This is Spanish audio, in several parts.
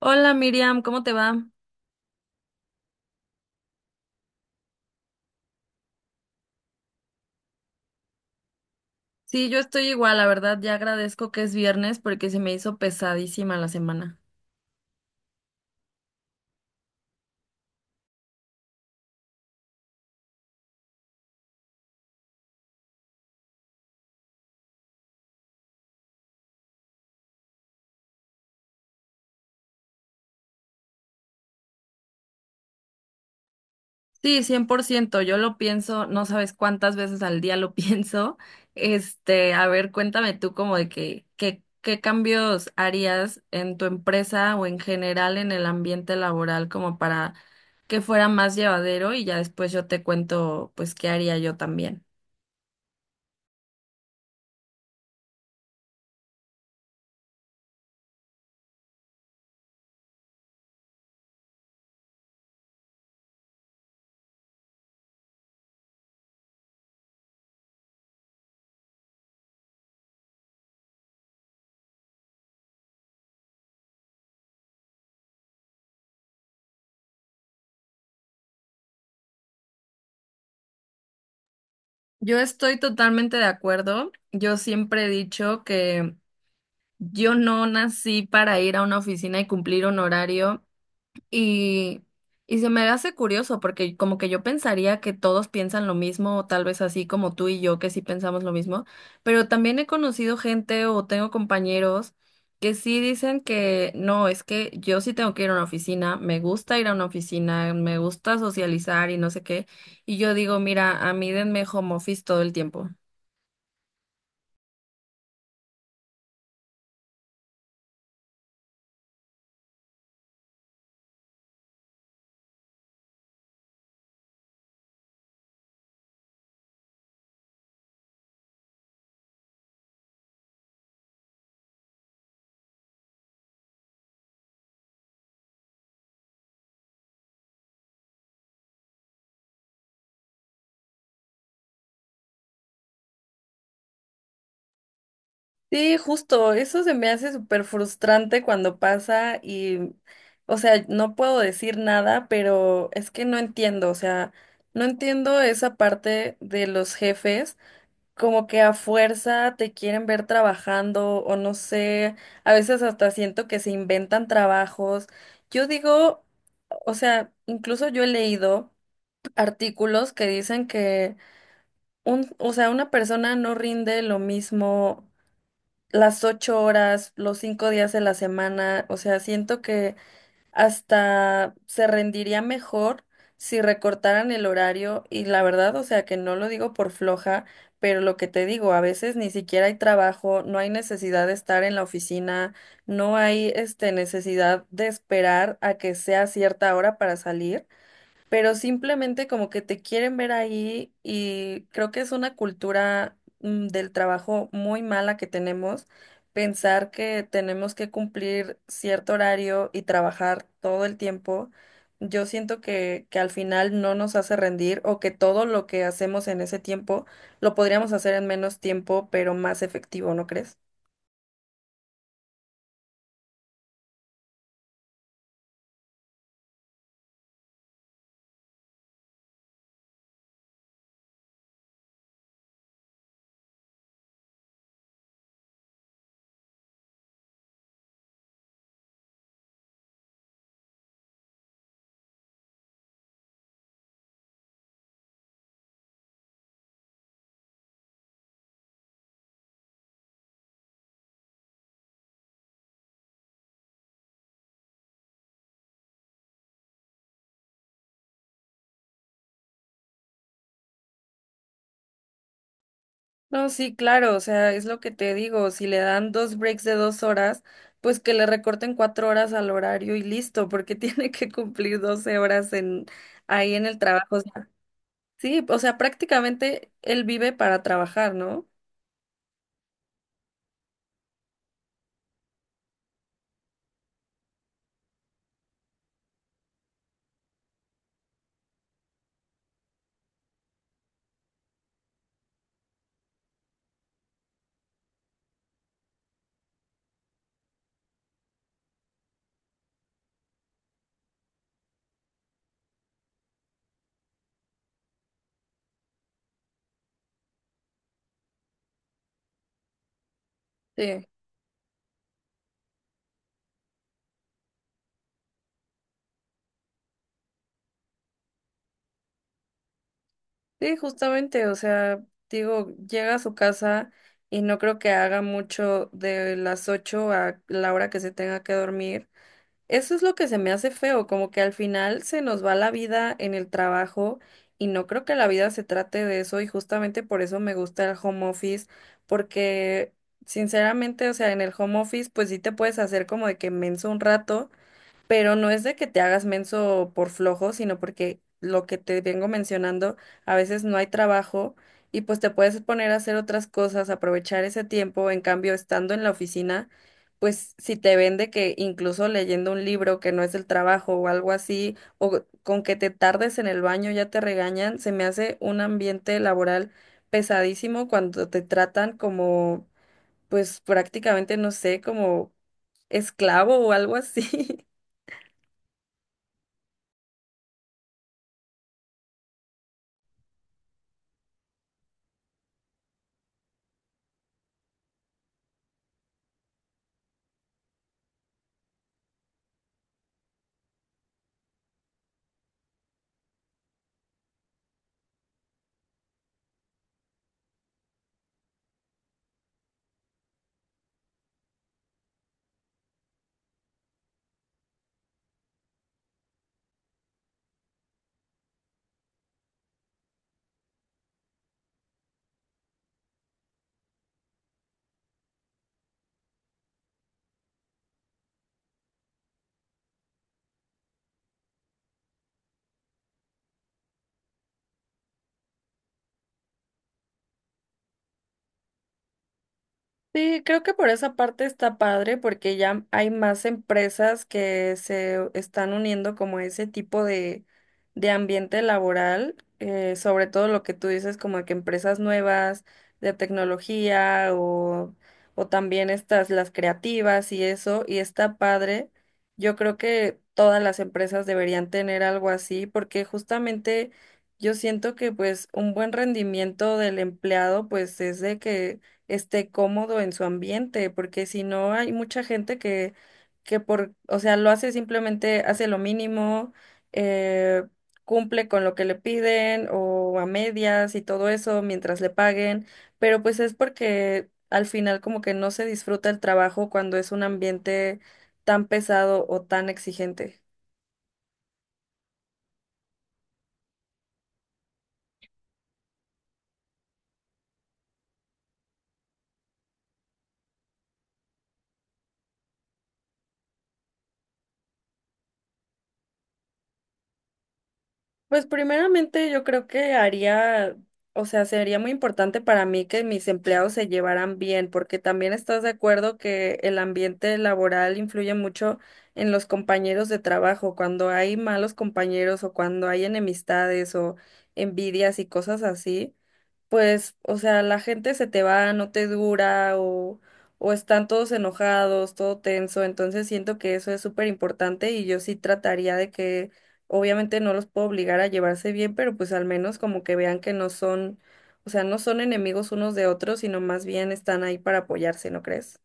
Hola Miriam, ¿cómo te va? Sí, yo estoy igual, la verdad, ya agradezco que es viernes porque se me hizo pesadísima la semana. Sí, 100%. Yo lo pienso, no sabes cuántas veces al día lo pienso. A ver, cuéntame tú como de qué cambios harías en tu empresa o en general en el ambiente laboral como para que fuera más llevadero y ya después yo te cuento pues qué haría yo también. Yo estoy totalmente de acuerdo. Yo siempre he dicho que yo no nací para ir a una oficina y cumplir un horario y, y se me hace curioso porque como que yo pensaría que todos piensan lo mismo, o tal vez así como tú y yo que sí pensamos lo mismo, pero también he conocido gente o tengo compañeros que sí dicen que no, es que yo sí tengo que ir a una oficina, me gusta ir a una oficina, me gusta socializar y no sé qué, y yo digo, mira, a mí denme home office todo el tiempo. Sí, justo, eso se me hace súper frustrante cuando pasa y, o sea, no puedo decir nada, pero es que no entiendo, o sea, no entiendo esa parte de los jefes, como que a fuerza te quieren ver trabajando o no sé, a veces hasta siento que se inventan trabajos. Yo digo, o sea, incluso yo he leído artículos que dicen que un, o sea, una persona no rinde lo mismo las 8 horas, los 5 días de la semana, o sea, siento que hasta se rendiría mejor si recortaran el horario y la verdad, o sea, que no lo digo por floja, pero lo que te digo, a veces ni siquiera hay trabajo, no hay necesidad de estar en la oficina, no hay necesidad de esperar a que sea cierta hora para salir, pero simplemente como que te quieren ver ahí y creo que es una cultura del trabajo muy mala que tenemos, pensar que tenemos que cumplir cierto horario y trabajar todo el tiempo. Yo siento que al final no nos hace rendir o que todo lo que hacemos en ese tiempo lo podríamos hacer en menos tiempo, pero más efectivo, ¿no crees? No, sí, claro, o sea, es lo que te digo, si le dan 2 breaks de 2 horas, pues que le recorten 4 horas al horario y listo, porque tiene que cumplir 12 horas en, ahí en el trabajo. O sea, sí, o sea, prácticamente él vive para trabajar, ¿no? Sí, sí, justamente, o sea, digo, llega a su casa y no creo que haga mucho de las 8 a la hora que se tenga que dormir. Eso es lo que se me hace feo, como que al final se nos va la vida en el trabajo y no creo que la vida se trate de eso, y justamente por eso me gusta el home office, porque sinceramente, o sea, en el home office pues sí te puedes hacer como de que menso un rato, pero no es de que te hagas menso por flojo, sino porque lo que te vengo mencionando, a veces no hay trabajo y pues te puedes poner a hacer otras cosas, aprovechar ese tiempo. En cambio, estando en la oficina, pues si te ven de que incluso leyendo un libro que no es el trabajo o algo así, o con que te tardes en el baño ya te regañan, se me hace un ambiente laboral pesadísimo cuando te tratan como, pues prácticamente, no sé, como esclavo o algo así. Sí, creo que por esa parte está padre porque ya hay más empresas que se están uniendo como a ese tipo de ambiente laboral, sobre todo lo que tú dices como que empresas nuevas de tecnología o también estas las creativas y eso, y está padre. Yo creo que todas las empresas deberían tener algo así porque justamente yo siento que pues un buen rendimiento del empleado pues es de que esté cómodo en su ambiente, porque si no hay mucha gente que por, o sea, lo hace simplemente, hace lo mínimo, eh, cumple con lo que le piden o a medias y todo eso mientras le paguen, pero pues es porque al final como que no se disfruta el trabajo cuando es un ambiente tan pesado o tan exigente. Pues primeramente yo creo que haría, o sea, sería muy importante para mí que mis empleados se llevaran bien, porque también estás de acuerdo que el ambiente laboral influye mucho en los compañeros de trabajo. Cuando hay malos compañeros o cuando hay enemistades o envidias y cosas así, pues, o sea, la gente se te va, no te dura o están todos enojados, todo tenso, entonces siento que eso es súper importante y yo sí trataría de que, obviamente no los puedo obligar a llevarse bien, pero pues al menos como que vean que no son, o sea, no son enemigos unos de otros, sino más bien están ahí para apoyarse, ¿no crees?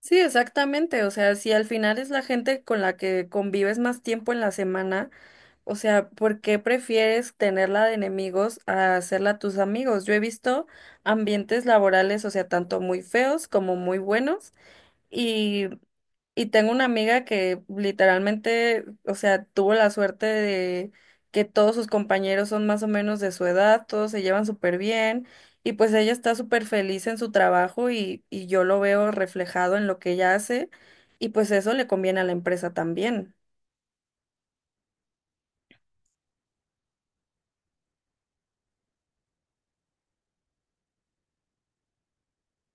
Sí, exactamente, o sea, si al final es la gente con la que convives más tiempo en la semana. O sea, ¿por qué prefieres tenerla de enemigos a hacerla tus amigos? Yo he visto ambientes laborales, o sea, tanto muy feos como muy buenos. Y, y tengo una amiga que literalmente, o sea, tuvo la suerte de que todos sus compañeros son más o menos de su edad, todos se llevan súper bien. Y pues ella está súper feliz en su trabajo y yo lo veo reflejado en lo que ella hace. Y pues eso le conviene a la empresa también.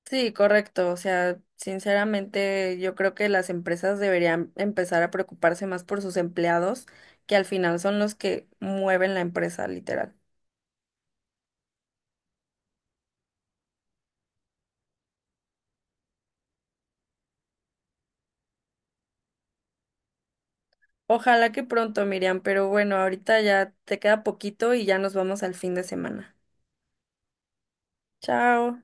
Sí, correcto. O sea, sinceramente yo creo que las empresas deberían empezar a preocuparse más por sus empleados, que al final son los que mueven la empresa, literal. Ojalá que pronto, Miriam, pero bueno, ahorita ya te queda poquito y ya nos vamos al fin de semana. Chao.